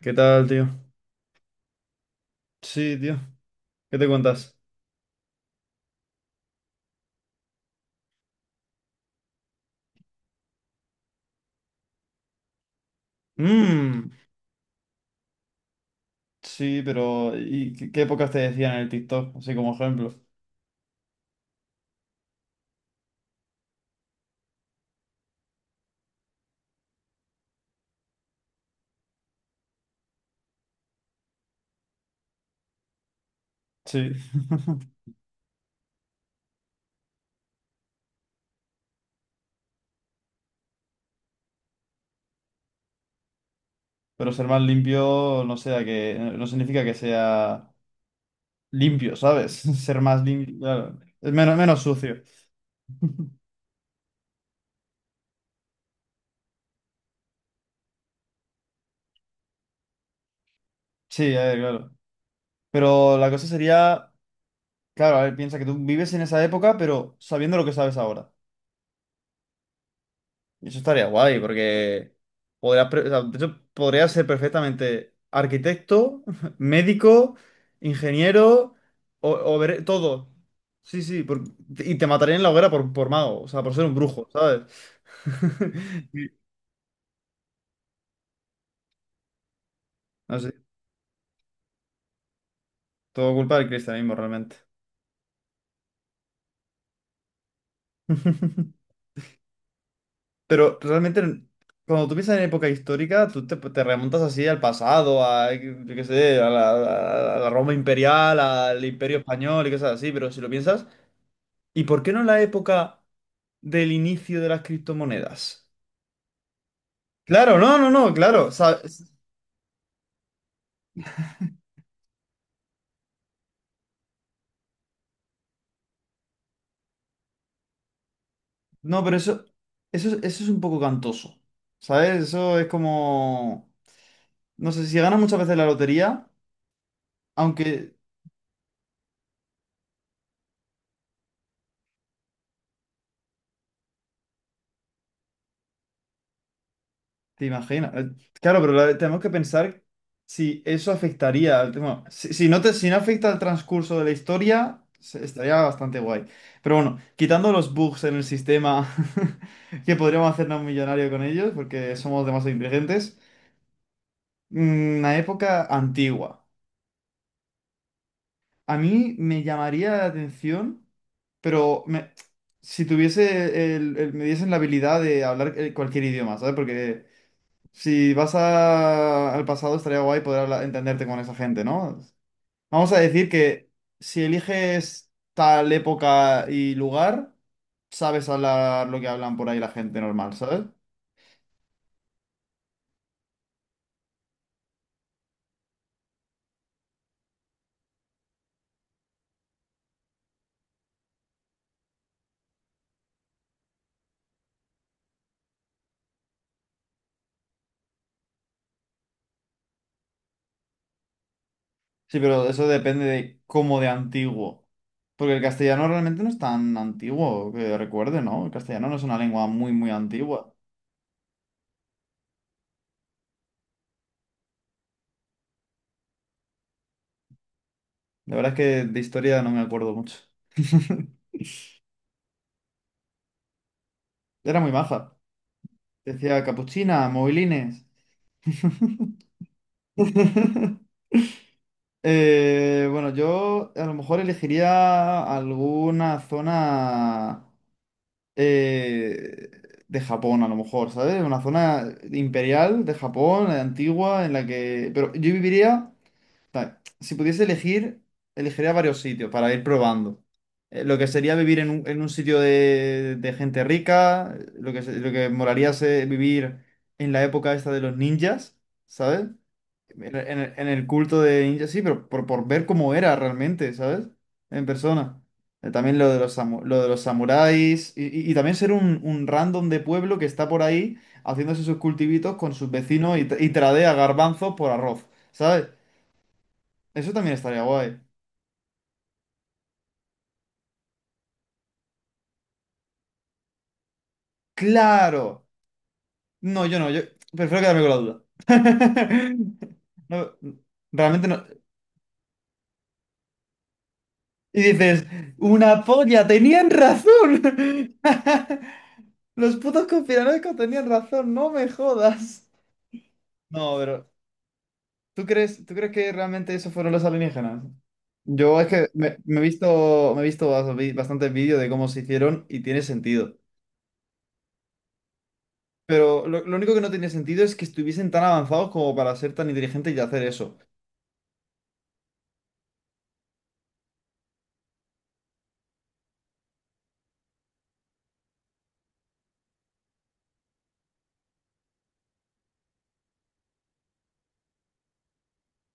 ¿Qué tal, tío? Sí, tío. ¿Qué te cuentas? Mmm. Sí, pero ¿y qué épocas te decían en el TikTok? Así como ejemplo. Sí. Pero ser más limpio no significa que sea limpio, ¿sabes? Ser más limpio, claro. Es menos sucio. Sí, a ver, claro. Pero la cosa sería, claro, a ver, piensa que tú vives en esa época, pero sabiendo lo que sabes ahora. Eso estaría guay, porque o sea, de hecho, podrías ser perfectamente arquitecto, médico, ingeniero, todo. Sí, sí, y te matarían en la hoguera por mago, o sea, por ser un brujo, ¿sabes? Y- No sé, todo culpa del cristianismo realmente. Pero realmente, cuando tú piensas en época histórica, tú te remontas así al pasado, a, yo qué sé, a la Roma imperial, al Imperio Español y cosas así, pero si lo piensas. ¿Y por qué no en la época del inicio de las criptomonedas? Claro, no, no, no, claro. ¿Sabes? No, pero eso es un poco cantoso. ¿Sabes? Eso es como. No sé, si ganas muchas veces la lotería, aunque te imaginas. Claro, pero tenemos que pensar si eso afectaría al tema. Si si no afecta al transcurso de la historia, estaría bastante guay. Pero bueno, quitando los bugs en el sistema que podríamos hacernos millonarios con ellos, porque somos demasiado inteligentes. Una época antigua. A mí me llamaría la atención, pero si tuviese me diesen la habilidad de hablar cualquier idioma, ¿sabes? Porque si al pasado estaría guay entenderte con esa gente, ¿no? Vamos a decir que si eliges tal época y lugar, sabes hablar lo que hablan por ahí la gente normal, ¿sabes? Sí, pero eso depende de cómo de antiguo. Porque el castellano realmente no es tan antiguo, que recuerde, ¿no? El castellano no es una lengua muy, muy antigua. La verdad es que de historia no me acuerdo mucho. Era muy maja. Decía capuchina, movilines. Bueno, yo a lo mejor elegiría alguna zona eh, de Japón, a lo mejor, ¿sabes? Una zona imperial de Japón, antigua, en la que... Pero yo viviría... Si pudiese elegir, elegiría varios sitios para ir probando. Lo que sería vivir en un sitio de gente rica, lo lo que molaría es vivir en la época esta de los ninjas, ¿sabes? En el culto de ninjas, sí, pero por, ver cómo era realmente, ¿sabes? En persona. También lo de los, lo de los samuráis y, y también ser un random de pueblo que está por ahí haciéndose sus cultivitos con sus vecinos y, y tradea garbanzos por arroz, ¿sabes? Eso también estaría guay. ¡Claro! No, yo no, yo prefiero quedarme con la duda. No, realmente no. Y dices, una polla, tenían razón. Los putos conspiranoicos tenían razón, no me jodas. No, pero ¿tú crees que realmente eso fueron los alienígenas? Yo es que me he visto bastantes vídeos de cómo se hicieron y tiene sentido. Pero lo único que no tiene sentido es que estuviesen tan avanzados como para ser tan inteligentes y hacer eso.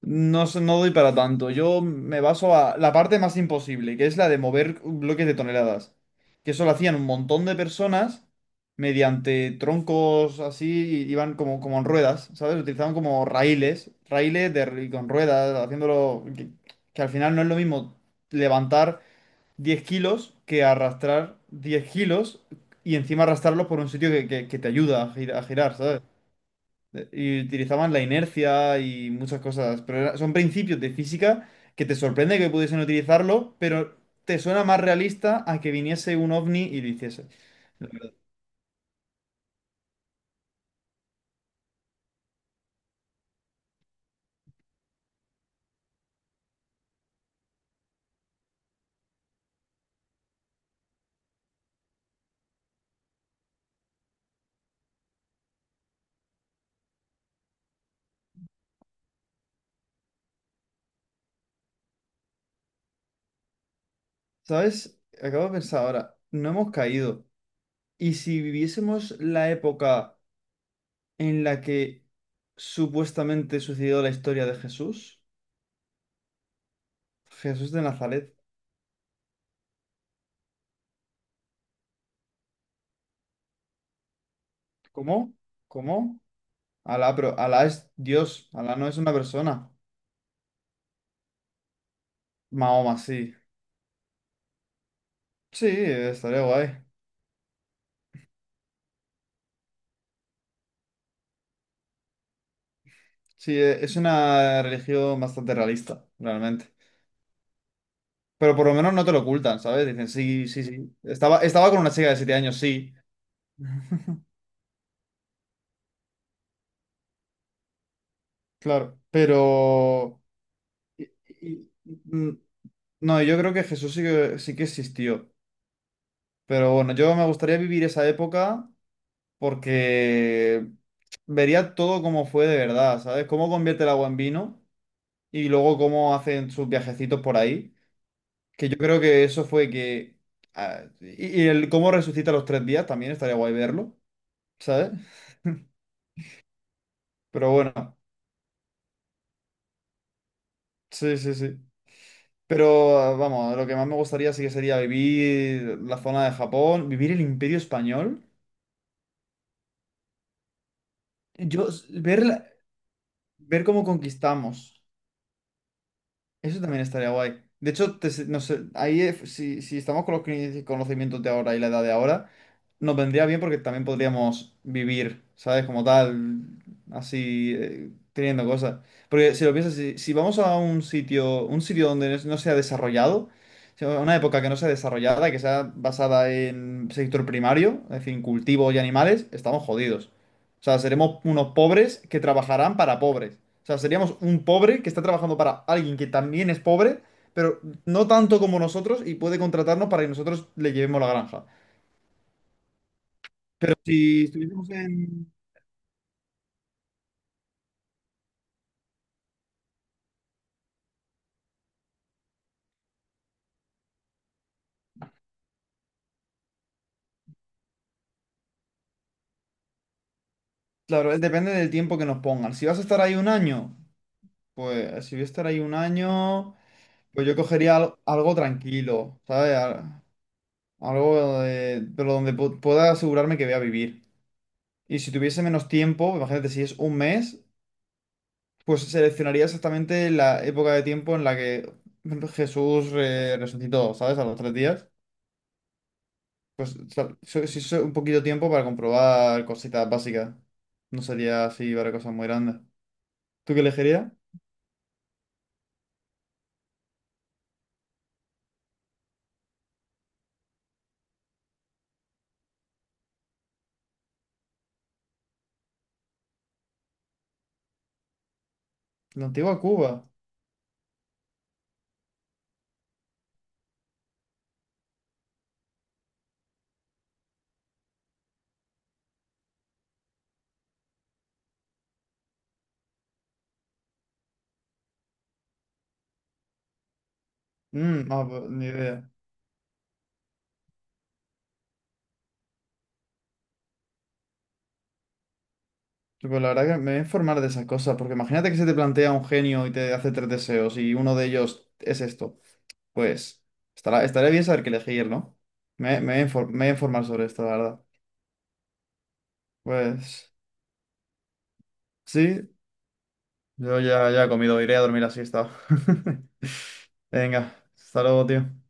No, no doy para tanto. Yo me baso a la parte más imposible, que es la de mover bloques de toneladas. Que eso lo hacían un montón de personas mediante troncos así, y iban como en ruedas, ¿sabes? Utilizaban como raíles con ruedas, haciéndolo... Que al final no es lo mismo levantar 10 kilos que arrastrar 10 kilos y encima arrastrarlos por un sitio que te ayuda a girar, ¿sabes? Y utilizaban la inercia y muchas cosas, pero son principios de física que te sorprende que pudiesen utilizarlo, pero te suena más realista a que viniese un ovni y lo hiciese. ¿Sabes? Acabo de pensar ahora, no hemos caído. ¿Y si viviésemos la época en la que supuestamente sucedió la historia de Jesús? Jesús de Nazaret. ¿Cómo? ¿Cómo? Alá, pero Alá es Dios, Alá no es una persona. Mahoma, sí. Sí, estaría guay. Sí, es una religión bastante realista, realmente. Pero por lo menos no te lo ocultan, ¿sabes? Dicen, sí, sí, sí. Estaba con una chica de 7 años, sí, claro. Pero... y- y- mm, No, yo creo que Jesús sí que existió. Pero bueno, yo me gustaría vivir esa época porque vería todo como fue de verdad, ¿sabes? Cómo convierte el agua en vino y luego cómo hacen sus viajecitos por ahí. Que yo creo que eso fue que... ah, y el cómo resucita a los 3 días también estaría guay verlo, ¿sabes? Pero bueno, sí, sí, sí. Pero ah, vamos, lo que más me gustaría sí que sería vivir la zona de Japón, vivir el Imperio Español. Yo, ver cómo conquistamos. Eso también estaría guay. De hecho, no sé, ahí si estamos con los conocimientos de ahora y la edad de ahora, nos vendría bien porque también podríamos vivir, ¿sabes? Como tal, así, teniendo cosas. Porque si lo piensas, si vamos a un sitio donde no se ha desarrollado, si a una época que no sea desarrollada, que sea basada en sector primario, es decir, cultivo y animales, estamos jodidos. O sea, seremos unos pobres que trabajarán para pobres. O sea, seríamos un pobre que está trabajando para alguien que también es pobre, pero no tanto como nosotros y puede contratarnos para que nosotros le llevemos la granja. Pero si estuviésemos en... Claro, depende del tiempo que nos pongan. Si vas a estar ahí un año, pues si voy a estar ahí un año, pues yo cogería algo tranquilo, ¿sabes? Algo pero donde pueda asegurarme que voy a vivir. Y si tuviese menos tiempo, imagínate si es un mes, pues seleccionaría exactamente la época de tiempo en la que Jesús resucitó, ¿sabes? A los 3 días. Pues si es un poquito tiempo para comprobar cositas básicas. No sería así para cosas muy grandes. ¿Tú qué elegirías? La antigua Cuba. Mm, no, pues, ni idea. Pues la verdad que me voy a informar de esas cosas, porque imagínate que se te plantea un genio y te hace tres deseos y uno de ellos es esto. Pues estaría bien saber qué elegir, ¿no? Me voy a informar sobre esto, la verdad. Pues... Sí, yo ya he comido, iré a dormir la siesta. Venga, hasta luego, tío.